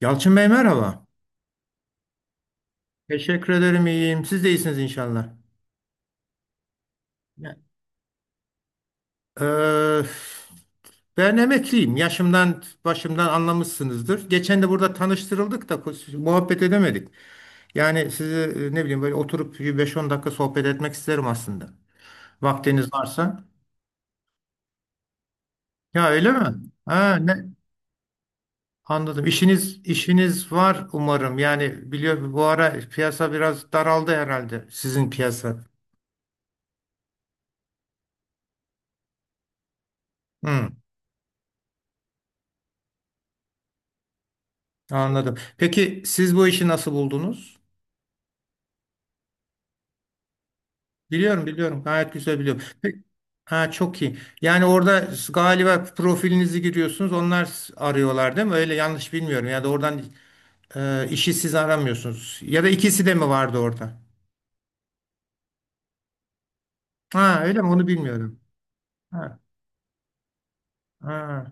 Yalçın Bey merhaba. Teşekkür ederim, iyiyim. Siz de iyisiniz inşallah. Ya- Ee, ben emekliyim. Yaşımdan başımdan anlamışsınızdır. Geçen de burada tanıştırıldık da muhabbet edemedik. Yani sizi ne bileyim, böyle oturup bir 5-10 dakika sohbet etmek isterim aslında. Vaktiniz varsa. Ya, öyle mi? Ha, ne? Anladım. İşiniz var umarım. Yani biliyor, bu ara piyasa biraz daraldı herhalde, sizin piyasa. Hı. Anladım. Peki siz bu işi nasıl buldunuz? Biliyorum, biliyorum. Gayet güzel biliyorum. Peki, ha, çok iyi. Yani orada galiba profilinizi giriyorsunuz. Onlar arıyorlar, değil mi? Öyle, yanlış bilmiyorum. Ya da oradan işi siz aramıyorsunuz. Ya da ikisi de mi vardı orada? Ha, öyle mi? Onu bilmiyorum. Ha, ha.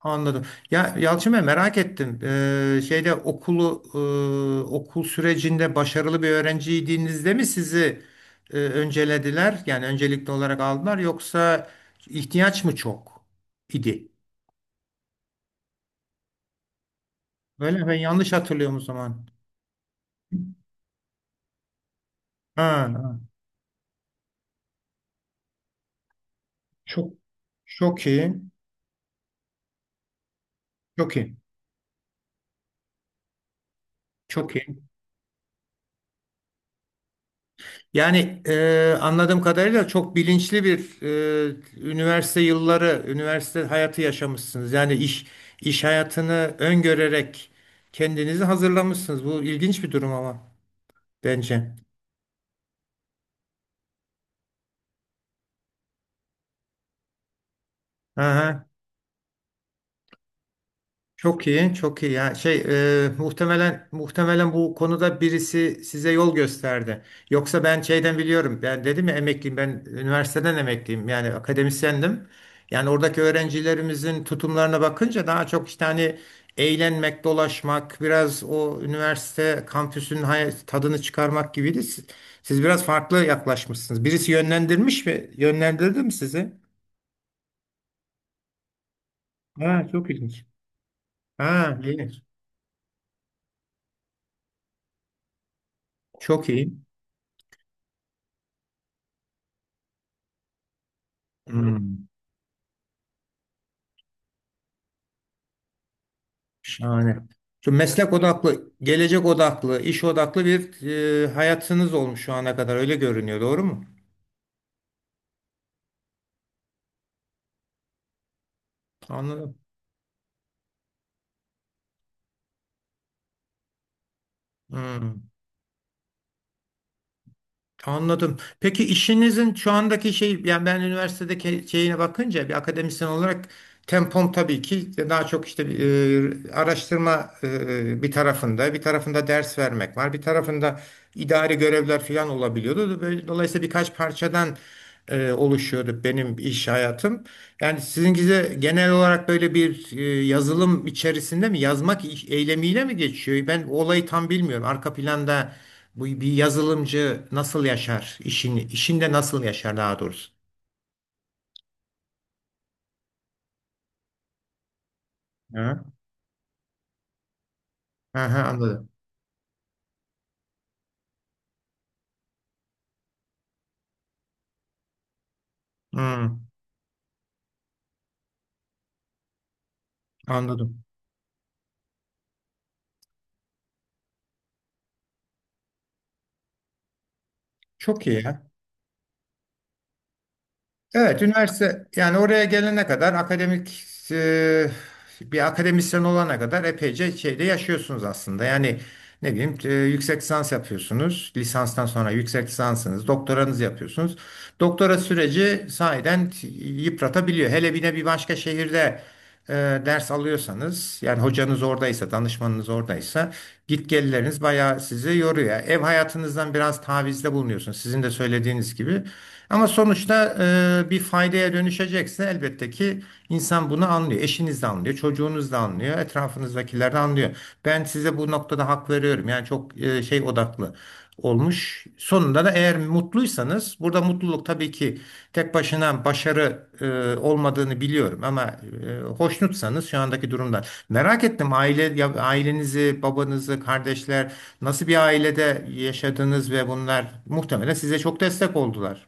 Anladım. Ya Yalçın Bey, merak ettim. Şeyde okulu okul sürecinde başarılı bir öğrenciydinizde mi sizi öncelediler? Yani öncelikli olarak aldılar, yoksa ihtiyaç mı çok idi? Öyle mi? Ben yanlış hatırlıyorum o zaman. Ha, ha. Çok çok iyi. Çok iyi. Çok iyi. Yani anladığım kadarıyla çok bilinçli bir e, üniversite yılları, üniversite hayatı yaşamışsınız. Yani iş hayatını öngörerek kendinizi hazırlamışsınız. Bu ilginç bir durum ama, bence. Aha. Çok iyi, çok iyi. Ya şey, muhtemelen bu konuda birisi size yol gösterdi. Yoksa ben şeyden biliyorum. Ben dedim ya, emekliyim. Ben üniversiteden emekliyim. Yani akademisyendim. Yani oradaki öğrencilerimizin tutumlarına bakınca daha çok işte hani eğlenmek, dolaşmak, biraz o üniversite kampüsünün tadını çıkarmak gibiydi. Siz biraz farklı yaklaşmışsınız. Birisi yönlendirmiş mi? Yönlendirdi mi sizi? Ha, çok ilginç. Ha, iyi. Çok iyi. Hmm. Şahane. Şu meslek odaklı, gelecek odaklı, iş odaklı bir hayatınız olmuş şu ana kadar, öyle görünüyor, doğru mu? Anladım. Hmm, anladım. Peki işinizin şu andaki şey, yani ben üniversitedeki şeyine bakınca bir akademisyen olarak tempom tabii ki daha çok işte araştırma, bir tarafında, bir tarafında ders vermek var, bir tarafında idari görevler falan olabiliyordu. Dolayısıyla birkaç parçadan oluşuyordu benim iş hayatım. Yani sizinkize genel olarak böyle bir yazılım içerisinde mi, yazmak eylemiyle mi geçiyor? Ben o olayı tam bilmiyorum. Arka planda bu bir yazılımcı nasıl yaşar işini, işinde nasıl yaşar daha doğrusu? Hı? Aha, anladım. Hı, anladım. Çok iyi ya. Evet, üniversite, yani oraya gelene kadar akademik e, bir akademisyen olana kadar epeyce şeyde yaşıyorsunuz aslında. Yani ne bileyim, yüksek lisans yapıyorsunuz. Lisanstan sonra yüksek lisansınız, doktoranızı yapıyorsunuz. Doktora süreci sahiden yıpratabiliyor. Hele bir de bir başka şehirde e, ders alıyorsanız, yani hocanız oradaysa, danışmanınız oradaysa git gelleriniz bayağı sizi yoruyor. Ev hayatınızdan biraz tavizde bulunuyorsunuz, sizin de söylediğiniz gibi. Ama sonuçta bir faydaya dönüşecekse elbette ki insan bunu anlıyor. Eşiniz de anlıyor, çocuğunuz da anlıyor, etrafınızdakiler de anlıyor. Ben size bu noktada hak veriyorum. Yani çok şey odaklı olmuş. Sonunda da, eğer mutluysanız, burada mutluluk tabii ki tek başına başarı olmadığını biliyorum, ama hoşnutsanız şu andaki durumdan. Merak ettim aile ailenizi, babanızı, kardeşler nasıl bir ailede yaşadınız ve bunlar muhtemelen size çok destek oldular.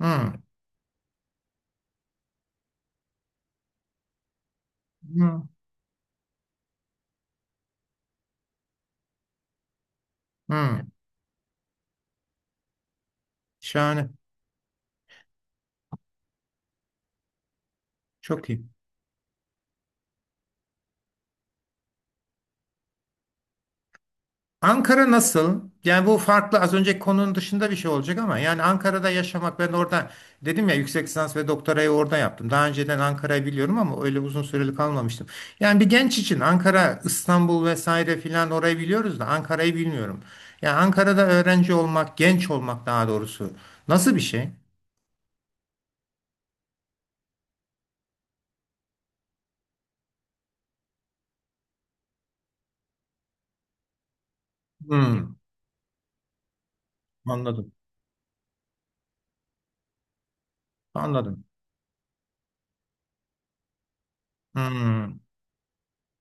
Hmm. Hmm. Hmm. Şahane. Çok iyi. Ankara nasıl? Yani bu farklı, az önceki konunun dışında bir şey olacak ama yani Ankara'da yaşamak, ben orada dedim ya, yüksek lisans ve doktorayı orada yaptım. Daha önceden Ankara'yı biliyorum ama öyle uzun süreli kalmamıştım. Yani bir genç için Ankara, İstanbul vesaire filan orayı biliyoruz da Ankara'yı bilmiyorum. Yani Ankara'da öğrenci olmak, genç olmak daha doğrusu, nasıl bir şey? Hmm, anladım. Anladım. Hmm.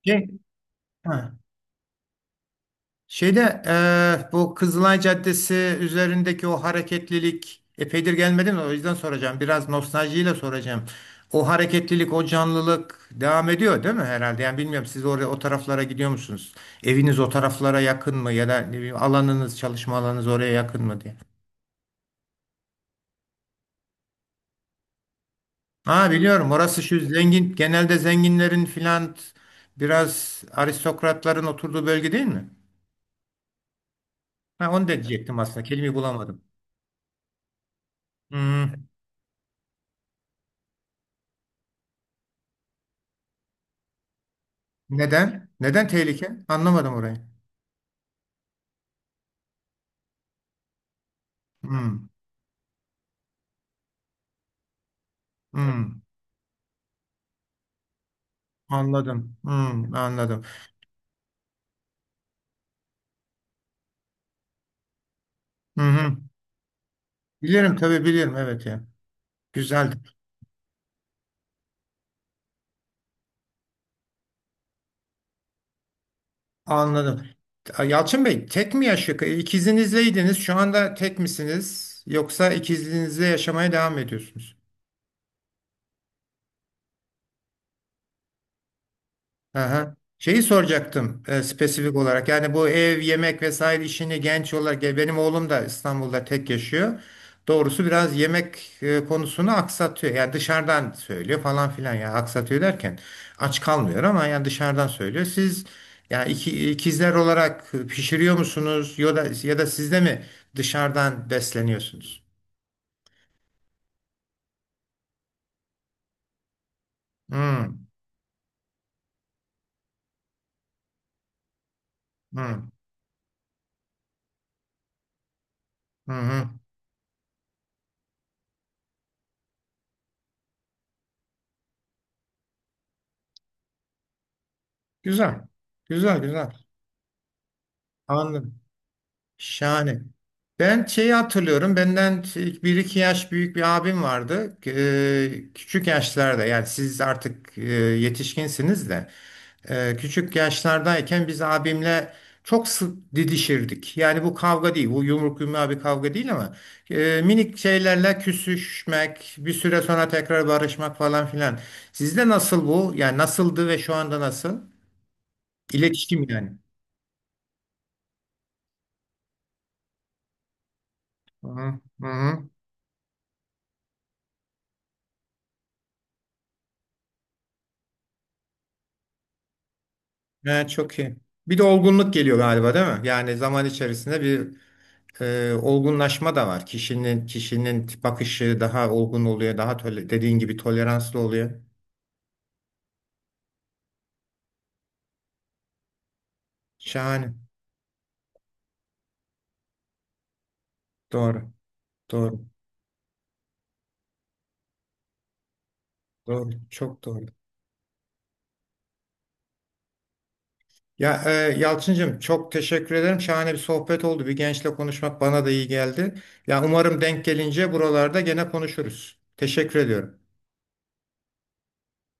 Şey, ha, Şeyde bu Kızılay Caddesi üzerindeki o hareketlilik, epeydir gelmedim o yüzden soracağım. Biraz nostaljiyle soracağım. O hareketlilik, o canlılık devam ediyor değil mi herhalde? Yani bilmiyorum, siz oraya, o taraflara gidiyor musunuz? Eviniz o taraflara yakın mı, ya da ne bileyim, alanınız, çalışma alanınız oraya yakın mı diye. Ha, biliyorum orası şu zengin, genelde zenginlerin filan, biraz aristokratların oturduğu bölge değil mi? Ha, onu da diyecektim aslında. Kelimeyi bulamadım. Hı. Neden? Neden tehlike? Anlamadım orayı. Hmm, hmm, anladım. Hmm, anladım. Hı hı. Bilirim tabii, bilirim. Evet ya. Güzeldi. Anladım. Ya Yalçın Bey tek mi yaşıyor? İkizinizleydiniz. Şu anda tek misiniz? Yoksa ikizinizle yaşamaya devam mı ediyorsunuz? Aha. Şeyi soracaktım, spesifik olarak. Yani bu ev, yemek vesaire işini genç olarak, benim oğlum da İstanbul'da tek yaşıyor. Doğrusu biraz yemek konusunu aksatıyor. Yani dışarıdan söylüyor falan filan. Yani aksatıyor derken aç kalmıyor, ama yani dışarıdan söylüyor. Siz, yani ikizler olarak pişiriyor musunuz, ya da siz de mi dışarıdan besleniyorsunuz? Hmm, hmm, hı hı. Güzel. Güzel, güzel. Anladım. Şahane. Ben şeyi hatırlıyorum. Benden bir iki yaş büyük bir abim vardı. Küçük yaşlarda, yani siz artık yetişkinsiniz de küçük yaşlardayken biz abimle çok sık didişirdik. Yani bu kavga değil. Bu yumruk yumruğa bir kavga değil ama minik şeylerle küsüşmek, bir süre sonra tekrar barışmak falan filan. Sizde nasıl bu? Yani nasıldı ve şu anda nasıl? İletişim yani. Hı hı. He, çok iyi. Bir de olgunluk geliyor galiba, değil mi? Yani zaman içerisinde bir olgunlaşma da var. Kişinin bakışı daha olgun oluyor, daha dediğin gibi toleranslı oluyor. Şahane. Doğru. Doğru. Doğru. Çok doğru. Ya, Yalçıncığım çok teşekkür ederim. Şahane bir sohbet oldu. Bir gençle konuşmak bana da iyi geldi. Ya umarım denk gelince buralarda gene konuşuruz. Teşekkür ediyorum.